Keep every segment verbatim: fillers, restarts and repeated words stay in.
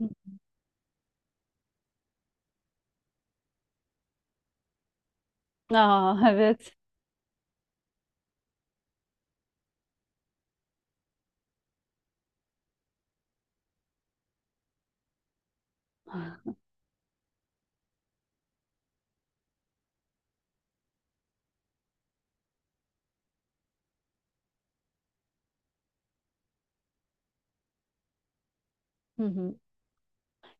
Hı. Aa, evet. Hı hı.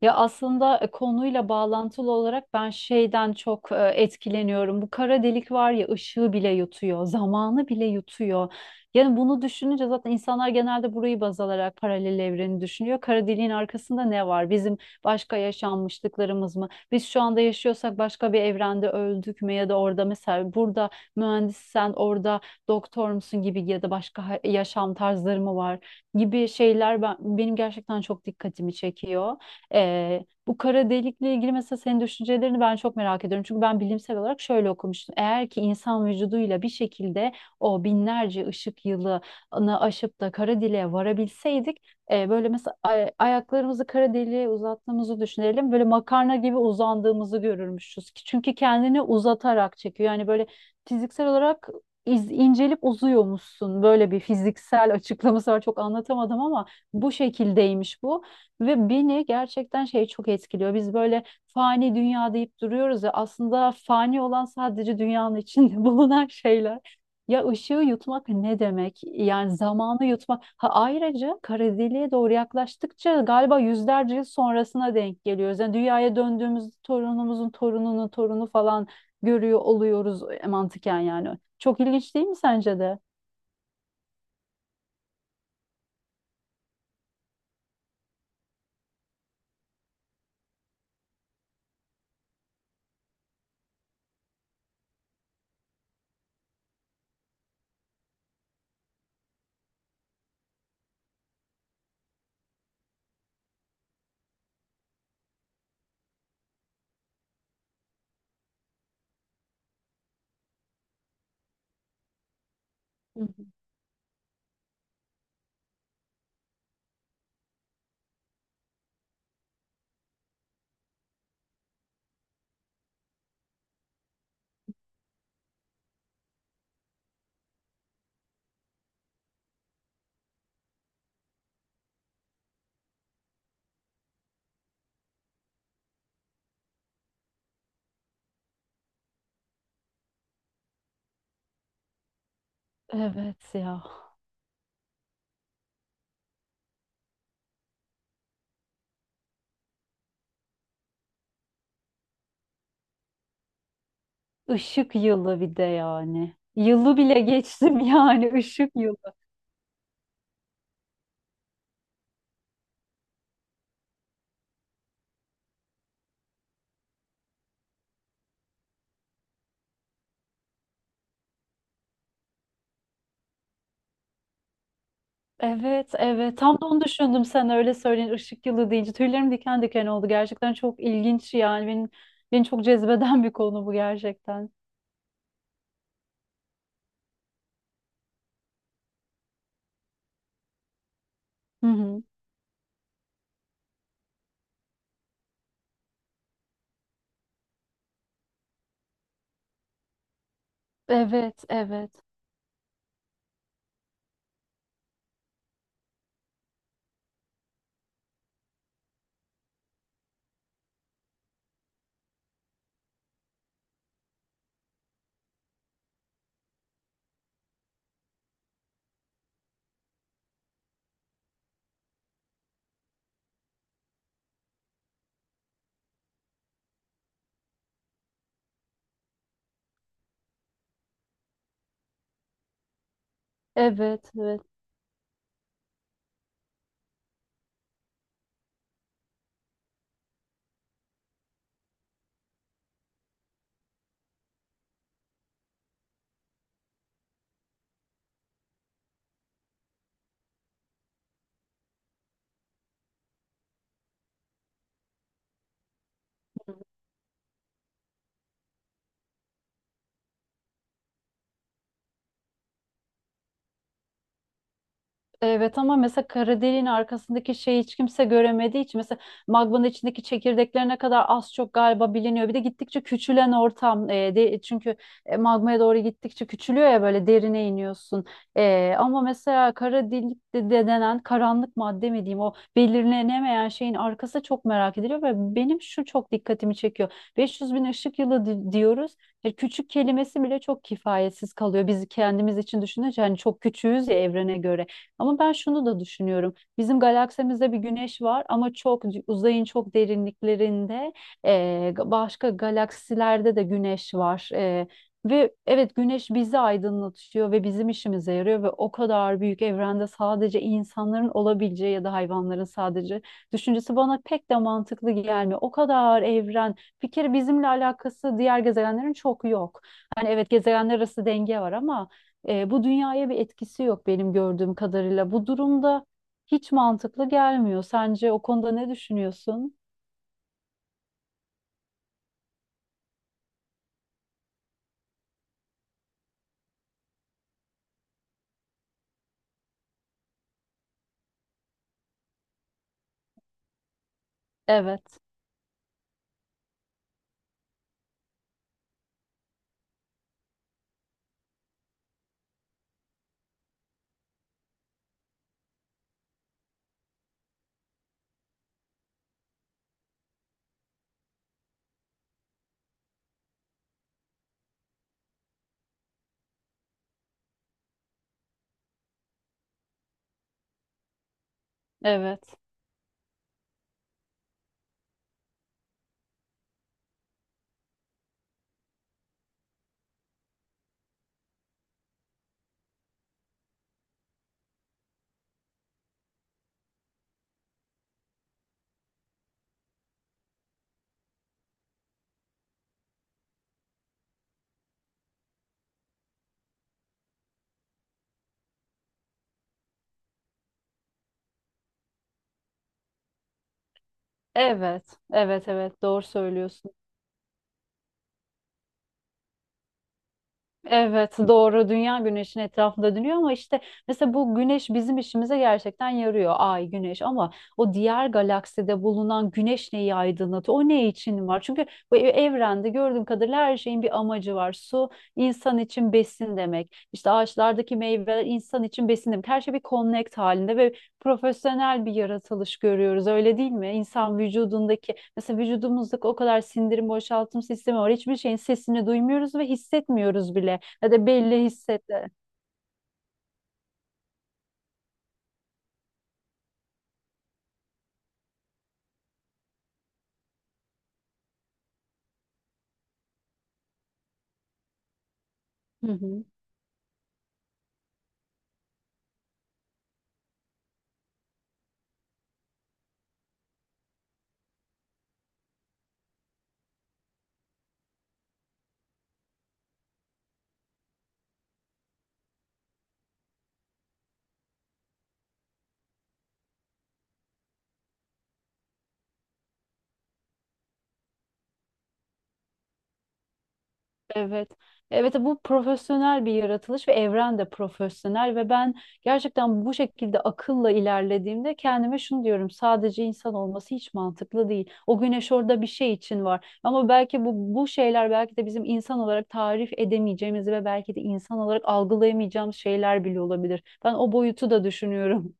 Ya aslında e, konuyla bağlantılı olarak ben şeyden çok e, etkileniyorum. Bu kara delik var ya, ışığı bile yutuyor, zamanı bile yutuyor. Yani bunu düşününce zaten insanlar genelde burayı baz alarak paralel evreni düşünüyor. Kara deliğin arkasında ne var? Bizim başka yaşanmışlıklarımız mı? Biz şu anda yaşıyorsak başka bir evrende öldük mü? Ya da orada mesela burada mühendissen, orada doktor musun gibi, ya da başka ha- yaşam tarzları mı var gibi şeyler ben, benim gerçekten çok dikkatimi çekiyor. Ee, bu kara delikle ilgili mesela senin düşüncelerini ben çok merak ediyorum. Çünkü ben bilimsel olarak şöyle okumuştum. Eğer ki insan vücuduyla bir şekilde o binlerce ışık yılını aşıp da kara deliğe varabilseydik, e, böyle mesela ay- ayaklarımızı kara deliğe uzattığımızı düşünelim. Böyle makarna gibi uzandığımızı görürmüşüz. Çünkü kendini uzatarak çekiyor. Yani böyle fiziksel olarak iz- incelip uzuyormuşsun. Böyle bir fiziksel açıklaması var. Çok anlatamadım ama bu şekildeymiş bu. Ve beni gerçekten şey çok etkiliyor. Biz böyle fani dünya deyip duruyoruz ya, aslında fani olan sadece dünyanın içinde bulunan şeyler. Ya ışığı yutmak ne demek? Yani zamanı yutmak. Ha, ayrıca kara deliğe doğru yaklaştıkça galiba yüzlerce yıl sonrasına denk geliyoruz. Yani dünyaya döndüğümüz torunumuzun torununun torunu falan görüyor oluyoruz e, mantıken yani. Çok ilginç değil mi sence de? Hı hı. Evet ya. Işık yılı bir de yani. Yılı bile geçtim yani, ışık yılı. Evet, evet, tam da onu düşündüm. Sen öyle söyleyin ışık yılı deyince tüylerim diken diken oldu. Gerçekten çok ilginç yani, benim beni çok cezbeden bir konu bu gerçekten. Hı hı. Evet, evet, evet, evet. Evet, ama mesela kara deliğin arkasındaki şeyi hiç kimse göremediği için mesela magmanın içindeki çekirdeklerine kadar az çok galiba biliniyor. Bir de gittikçe küçülen ortam, e, de, çünkü e, magmaya doğru gittikçe küçülüyor ya, böyle derine iniyorsun. E, ama mesela kara delik de, de denen karanlık madde mi diyeyim, o belirlenemeyen şeyin arkası çok merak ediliyor ve benim şu çok dikkatimi çekiyor. beş yüz bin ışık yılı di- diyoruz. E, küçük kelimesi bile çok kifayetsiz kalıyor. Biz kendimiz için düşününce hani çok küçüğüz ya, evrene göre. Ama ben şunu da düşünüyorum. Bizim galaksimizde bir güneş var ama çok uzayın çok derinliklerinde, e, başka galaksilerde de güneş var. E, ve evet, güneş bizi aydınlatıyor ve bizim işimize yarıyor ve o kadar büyük evrende sadece insanların olabileceği ya da hayvanların sadece düşüncesi bana pek de mantıklı gelmiyor. O kadar evren, bir kere bizimle alakası diğer gezegenlerin çok yok. Hani evet, gezegenler arası denge var ama e, bu dünyaya bir etkisi yok benim gördüğüm kadarıyla. Bu durumda hiç mantıklı gelmiyor. Sence o konuda ne düşünüyorsun? Evet, evet, evet, evet, evet, doğru söylüyorsun. Evet, doğru, dünya güneşin etrafında dönüyor ama işte mesela bu güneş bizim işimize gerçekten yarıyor, ay, güneş, ama o diğer galakside bulunan güneş neyi aydınlatıyor, o ne için var? Çünkü bu e- evrende gördüğüm kadarıyla her şeyin bir amacı var. Su insan için besin demek, işte ağaçlardaki meyveler insan için besin demek. Her şey bir connect halinde ve profesyonel bir yaratılış görüyoruz, öyle değil mi? İnsan vücudundaki, mesela vücudumuzdaki o kadar sindirim boşaltım sistemi var. Hiçbir şeyin sesini duymuyoruz ve hissetmiyoruz bile, ya da belli hissetler. Hı hı. Evet. Evet, bu profesyonel bir yaratılış ve evren de profesyonel ve ben gerçekten bu şekilde akılla ilerlediğimde kendime şunu diyorum: sadece insan olması hiç mantıklı değil. O güneş orada bir şey için var ama belki bu, bu şeyler belki de bizim insan olarak tarif edemeyeceğimiz ve belki de insan olarak algılayamayacağımız şeyler bile olabilir. Ben o boyutu da düşünüyorum.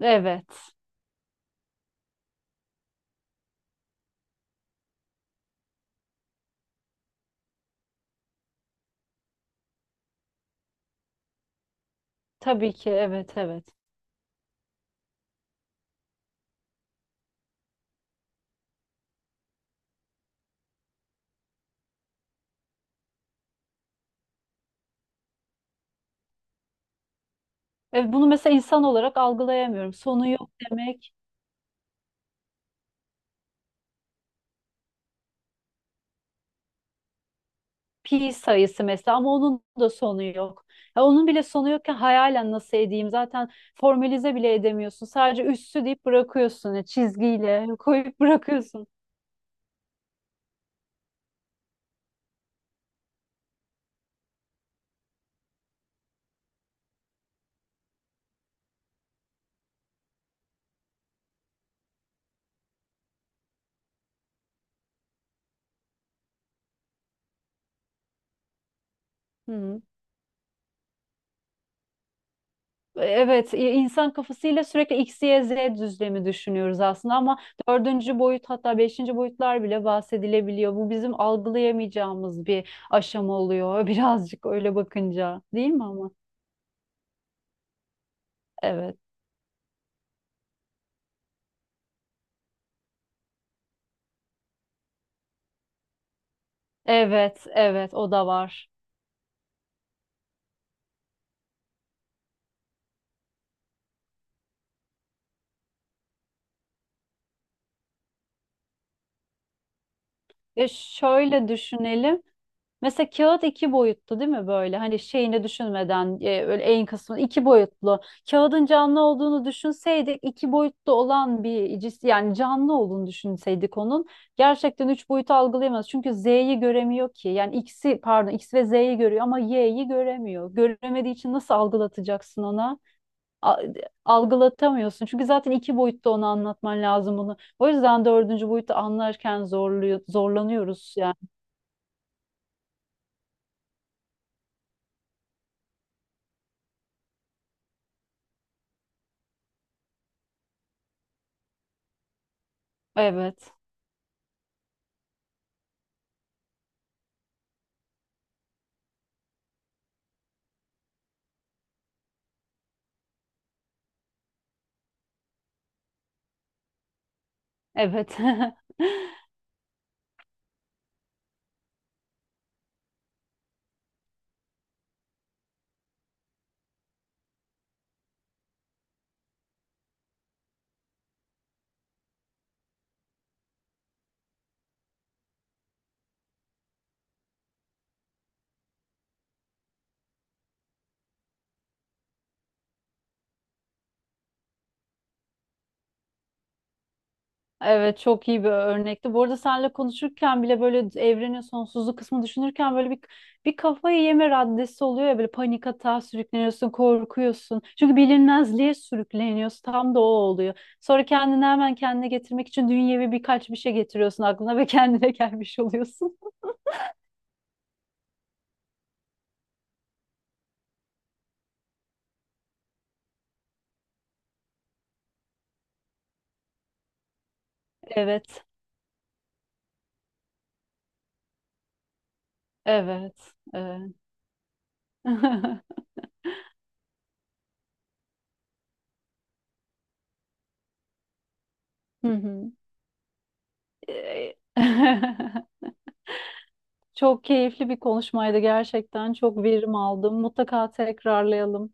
Evet. Tabii ki, evet, evet. E, bunu mesela insan olarak algılayamıyorum. Sonu yok demek. Pi sayısı mesela, ama onun da sonu yok. Ya onun bile sonu yokken hayalen nasıl edeyim? Zaten formalize bile edemiyorsun. Sadece üssü deyip bırakıyorsun, ya çizgiyle koyup bırakıyorsun. Hı. Evet, i- insan kafasıyla sürekli X, Y, Z düzlemi düşünüyoruz aslında ama dördüncü boyut, hatta beşinci boyutlar bile bahsedilebiliyor. Bu bizim algılayamayacağımız bir aşama oluyor birazcık öyle bakınca, değil mi ama? Evet, evet, evet o da var. Ve şöyle düşünelim. Mesela kağıt iki boyutlu değil mi böyle? Hani şeyini düşünmeden, e, öyle en kısmı iki boyutlu. Kağıdın canlı olduğunu düşünseydik, iki boyutlu olan bir cis, yani canlı olduğunu düşünseydik onun gerçekten üç boyutu algılayamaz. Çünkü Z'yi göremiyor ki. Yani X'i, pardon, X ve Z'yi görüyor ama Y'yi göremiyor. Göremediği için nasıl algılatacaksın ona? A- Algılatamıyorsun. Çünkü zaten iki boyutta onu anlatman lazım bunu. O yüzden dördüncü boyutu anlarken zorluyor, zorlanıyoruz yani. Evet. Evet. Evet, çok iyi bir örnekti. Bu arada seninle konuşurken bile böyle evrenin sonsuzluğu kısmı düşünürken böyle bir bir kafayı yeme raddesi oluyor ya, böyle panik atağa sürükleniyorsun, korkuyorsun. Çünkü bilinmezliğe sürükleniyorsun. Tam da o oluyor. Sonra kendini hemen kendine getirmek için dünyevi birkaç bir şey getiriyorsun aklına ve kendine gelmiş oluyorsun. Evet. Evet. Evet. Hı hı. Ee, Çok keyifli bir konuşmaydı gerçekten. Çok verim aldım. Mutlaka tekrarlayalım.